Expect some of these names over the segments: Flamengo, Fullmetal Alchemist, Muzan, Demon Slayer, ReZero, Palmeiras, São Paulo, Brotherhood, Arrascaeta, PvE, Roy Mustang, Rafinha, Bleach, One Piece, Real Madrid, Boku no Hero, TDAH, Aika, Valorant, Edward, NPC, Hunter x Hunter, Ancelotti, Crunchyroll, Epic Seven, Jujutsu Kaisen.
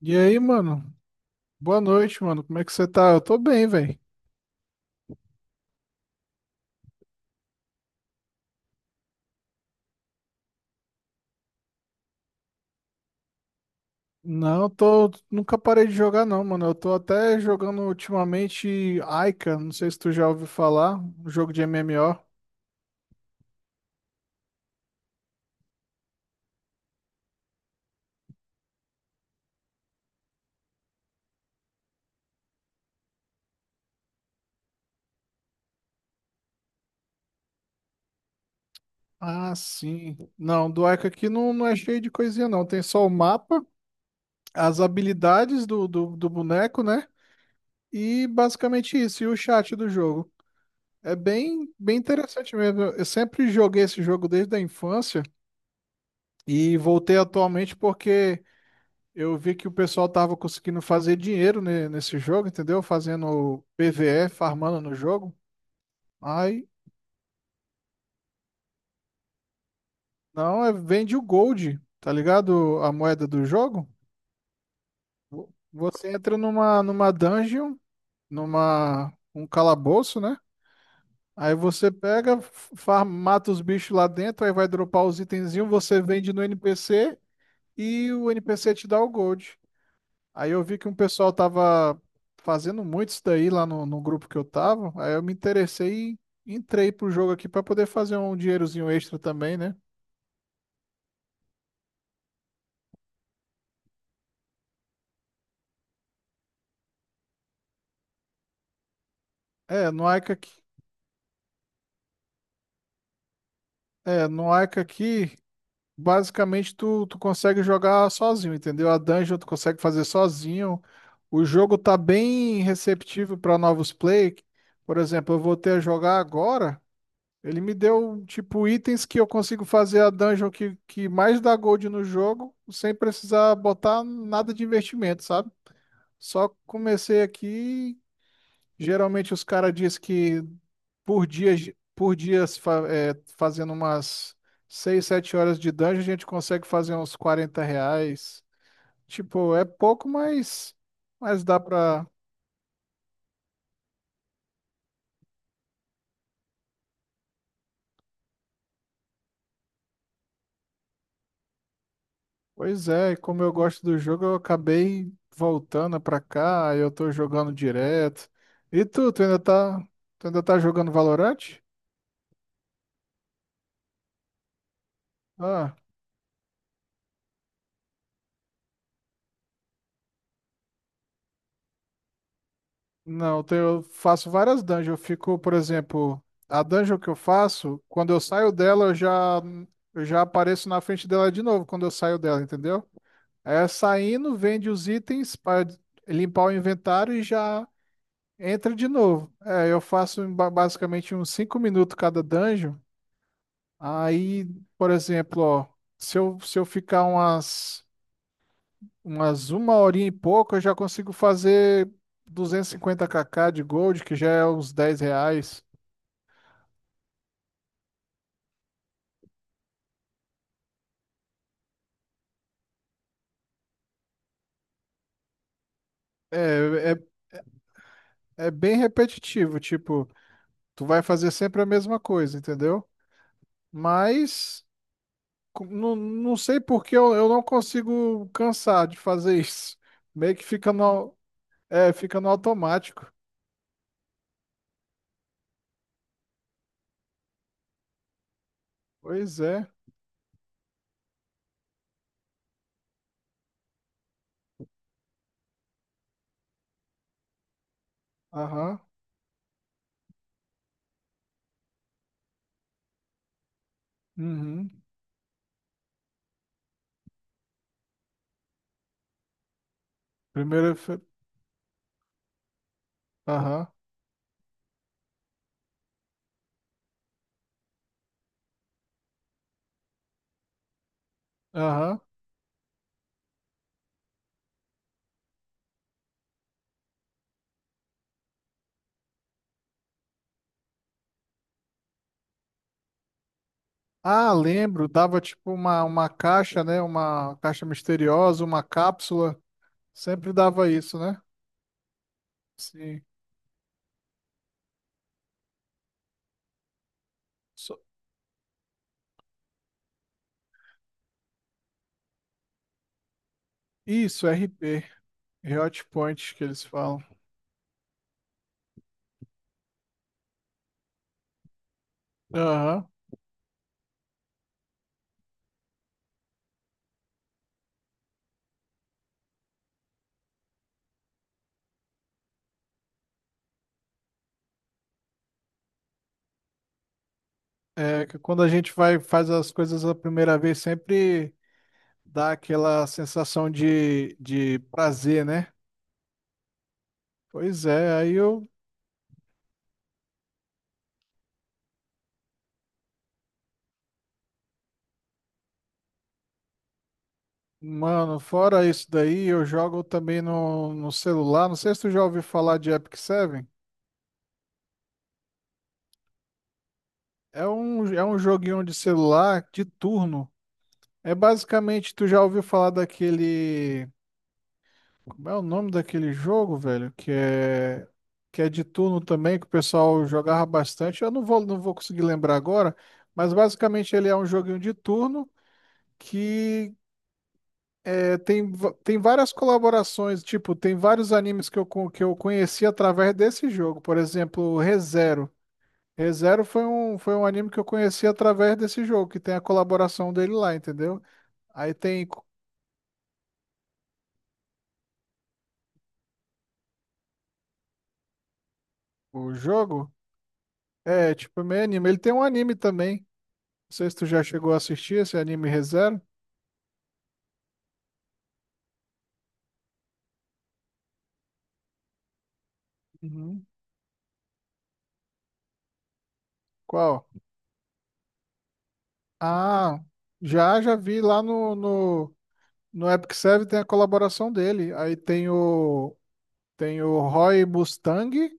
E aí, mano? Boa noite, mano. Como é que você tá? Eu tô bem, velho. Não, eu tô. Nunca parei de jogar, não, mano. Eu tô até jogando ultimamente Aika. Não sei se tu já ouviu falar. Um jogo de MMO. Ah, sim. Não, do Ica aqui não, não é cheio de coisinha, não. Tem só o mapa, as habilidades do boneco, né? E basicamente isso, e o chat do jogo. É bem, bem interessante mesmo. Eu sempre joguei esse jogo desde a infância e voltei atualmente porque eu vi que o pessoal tava conseguindo fazer dinheiro nesse jogo, entendeu? Fazendo PvE, farmando no jogo. Aí, não, é, vende o gold, tá ligado? A moeda do jogo. Você entra numa dungeon. Numa Um calabouço, né? Aí você pega, mata os bichos lá dentro, aí vai dropar os itenzinhos, você vende no NPC e o NPC te dá o gold. Aí eu vi que um pessoal tava fazendo muito isso daí lá no grupo que eu tava, aí eu me interessei e entrei pro jogo aqui pra poder fazer um dinheirozinho extra também, né? É, no Ica aqui, é, no Ica aqui basicamente, tu consegue jogar sozinho, entendeu? A dungeon tu consegue fazer sozinho. O jogo tá bem receptivo para novos play. Por exemplo, eu voltei a jogar agora. Ele me deu, tipo, itens que eu consigo fazer a dungeon que mais dá gold no jogo, sem precisar botar nada de investimento, sabe? Só comecei aqui. Geralmente os caras dizem que por dia, por dia se fa- é, fazendo umas 6 7 horas de dungeon, a gente consegue fazer uns 40 reais. Tipo, é pouco, mas dá pra. Pois é, e como eu gosto do jogo, eu acabei voltando pra cá, aí eu tô jogando direto. E tu ainda tá jogando Valorant? Ah. Não, eu faço várias dungeons. Eu fico, por exemplo, a dungeon que eu faço, quando eu saio dela, eu já apareço na frente dela de novo quando eu saio dela, entendeu? É saindo, vende os itens para limpar o inventário e já entra de novo. É, eu faço em basicamente uns 5 minutos cada dungeon. Aí, por exemplo, ó, se eu ficar umas uma horinha e pouco eu já consigo fazer 250kk de gold, que já é uns 10 reais. É, é bem repetitivo, tipo, tu vai fazer sempre a mesma coisa, entendeu? Mas não sei por que eu não consigo cansar de fazer isso. Meio que fica no automático. Pois é. Aham. Uhum. Primeiro. Aham. Aham. Ah, lembro, dava tipo uma caixa, né? Uma caixa misteriosa, uma cápsula. Sempre dava isso, né? Sim. So- Isso, RP, Hot Point que eles falam. Aham. É que quando a gente vai faz as coisas a primeira vez, sempre dá aquela sensação de prazer, né? Pois é, aí eu, mano, fora isso daí, eu jogo também no celular. Não sei se tu já ouviu falar de Epic Seven. É um joguinho de celular de turno. É basicamente, tu já ouviu falar daquele. Como é o nome daquele jogo, velho? Que é de turno também, que o pessoal jogava bastante. Eu não vou conseguir lembrar agora, mas basicamente ele é um joguinho de turno que tem várias colaborações. Tipo, tem vários animes que eu conheci através desse jogo. Por exemplo, ReZero. ReZero foi um anime que eu conheci através desse jogo, que tem a colaboração dele lá, entendeu? Aí tem co- o jogo, é tipo meio anime. Ele tem um anime também. Não sei se tu já chegou a assistir esse anime ReZero. Uhum. Qual? Ah, já, já vi lá no Epic Serve tem a colaboração dele. Aí tem o Roy Mustang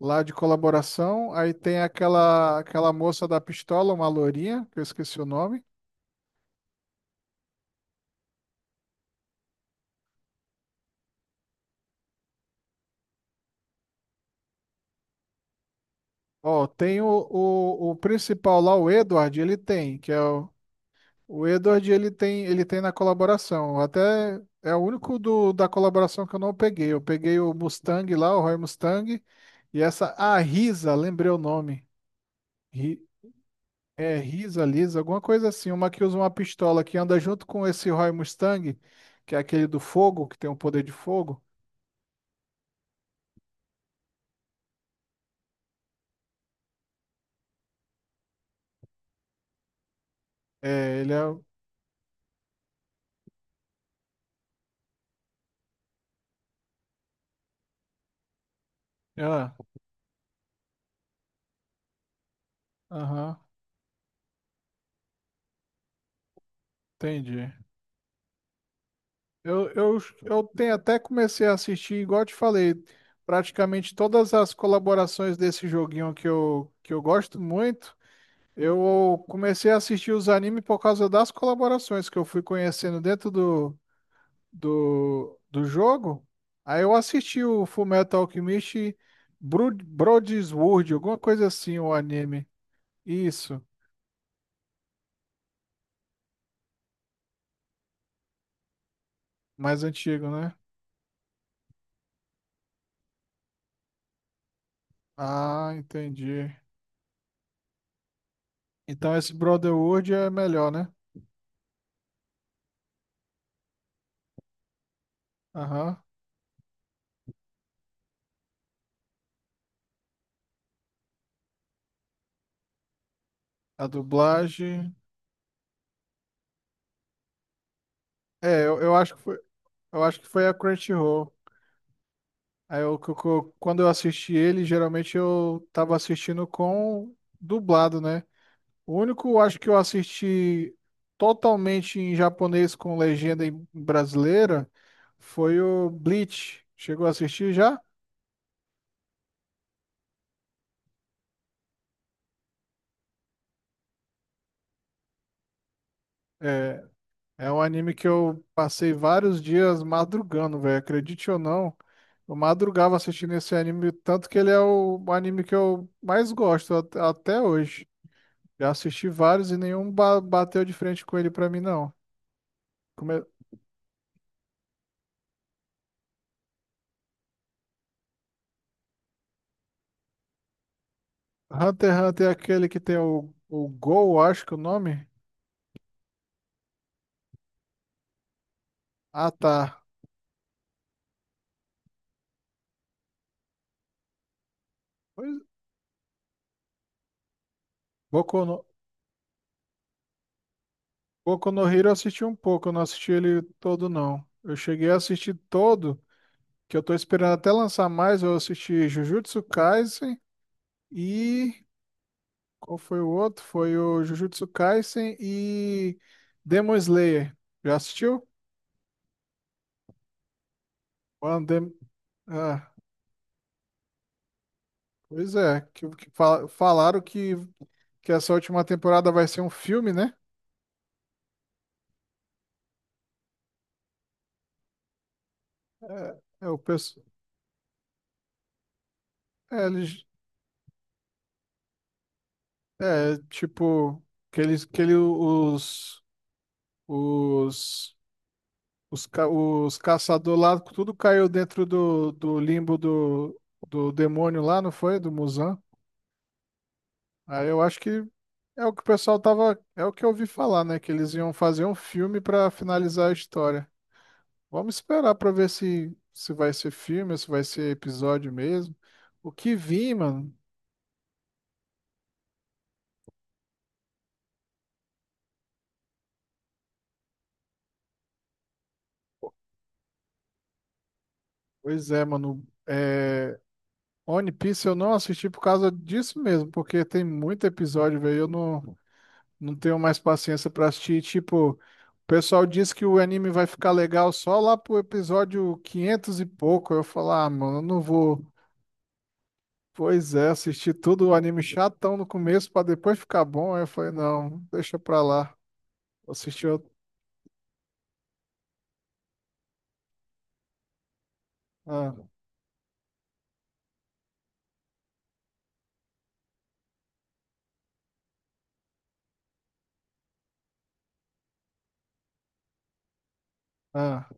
lá de colaboração. Aí tem aquela moça da pistola, uma lourinha, que eu esqueci o nome. Ó, tem o principal lá, o Edward, que é o Edward, ele tem na colaboração. Até é o único do, da colaboração que eu não peguei. Eu peguei o Mustang lá, o Roy Mustang, e essa, a Risa, lembrei o nome. Ri- É Risa, Lisa, alguma coisa assim, uma que usa uma pistola que anda junto com esse Roy Mustang, que é aquele do fogo, que tem o poder de fogo. É, ele é. Ah, aham, entendi. Eu tenho até comecei a assistir, igual eu te falei, praticamente todas as colaborações desse joguinho que eu gosto muito. Eu comecei a assistir os animes por causa das colaborações que eu fui conhecendo dentro do jogo. Aí eu assisti o Fullmetal Alchemist Broadsword, alguma coisa assim, o anime. Isso, mais antigo, né? Ah, entendi. Então esse Brotherhood é melhor, né? Aham. A dublagem. É, eu acho que foi, eu acho que foi a Crunchyroll. Aí eu, quando eu assisti ele, geralmente eu tava assistindo com dublado, né? O único, eu acho que eu assisti totalmente em japonês com legenda em brasileira foi o Bleach. Chegou a assistir já? É, É um anime que eu passei vários dias madrugando, velho. Acredite ou não, eu madrugava assistindo esse anime, tanto que ele é o anime que eu mais gosto até hoje. Já assisti vários e nenhum bateu de frente com ele pra mim, não. Como é- Hunter x Hunter é aquele que tem o Gol, acho que é o nome. Ah, tá. Pois- Boku no, Boku no Hero eu assisti um pouco, eu não assisti ele todo, não. Eu cheguei a assistir todo, que eu tô esperando até lançar mais, eu assisti Jujutsu Kaisen. E qual foi o outro? Foi o Jujutsu Kaisen e Demon Slayer. Já assistiu? One Dem- Ah, pois é, que falaram que essa última temporada vai ser um filme, né? É, é o pessoal. É, é, tipo, que eles, que ele, os, os caçadores lá, tudo caiu dentro do limbo do demônio lá, não foi? Do Muzan. Aí eu acho que é o que o pessoal tava, é o que eu ouvi falar, né? Que eles iam fazer um filme pra finalizar a história. Vamos esperar pra ver se vai ser filme, ou se vai ser episódio mesmo. O que vi, mano? Pois é, mano. One Piece eu não assisti por causa disso mesmo, porque tem muito episódio, velho. Eu não tenho mais paciência pra assistir. Tipo, o pessoal diz que o anime vai ficar legal só lá pro episódio 500 e pouco. Eu falo, ah, mano, eu não vou. Pois é, assisti tudo o anime chatão no começo pra depois ficar bom. Aí eu falei, não, deixa pra lá. Assisti outro. Ah, ah,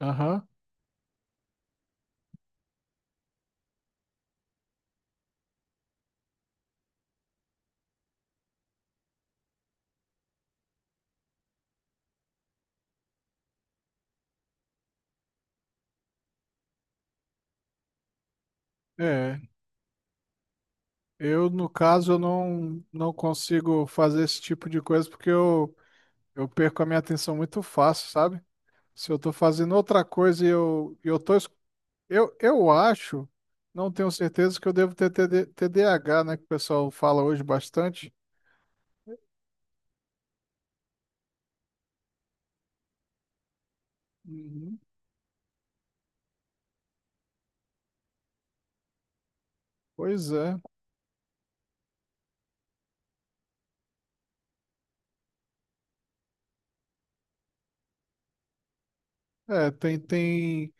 aham. É, eu no caso eu não consigo fazer esse tipo de coisa porque eu perco a minha atenção muito fácil, sabe? Se eu tô fazendo outra coisa e e eu tô. Eu acho, não tenho certeza que eu devo ter TD TDAH, né? Que o pessoal fala hoje bastante. Uhum. Pois é. É, tem, tem.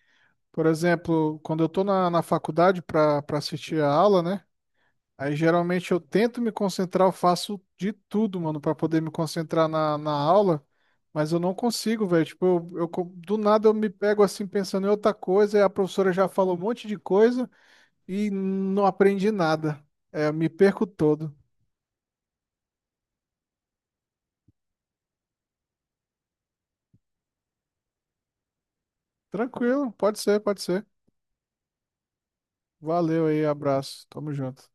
Por exemplo, quando eu tô na faculdade para assistir a aula, né? Aí geralmente eu tento me concentrar, eu faço de tudo, mano, para poder me concentrar na aula, mas eu não consigo, velho. Tipo, do nada eu me pego assim pensando em outra coisa, e a professora já falou um monte de coisa e não aprendi nada. É, eu me perco todo. Tranquilo, pode ser, pode ser. Valeu aí, abraço. Tamo junto.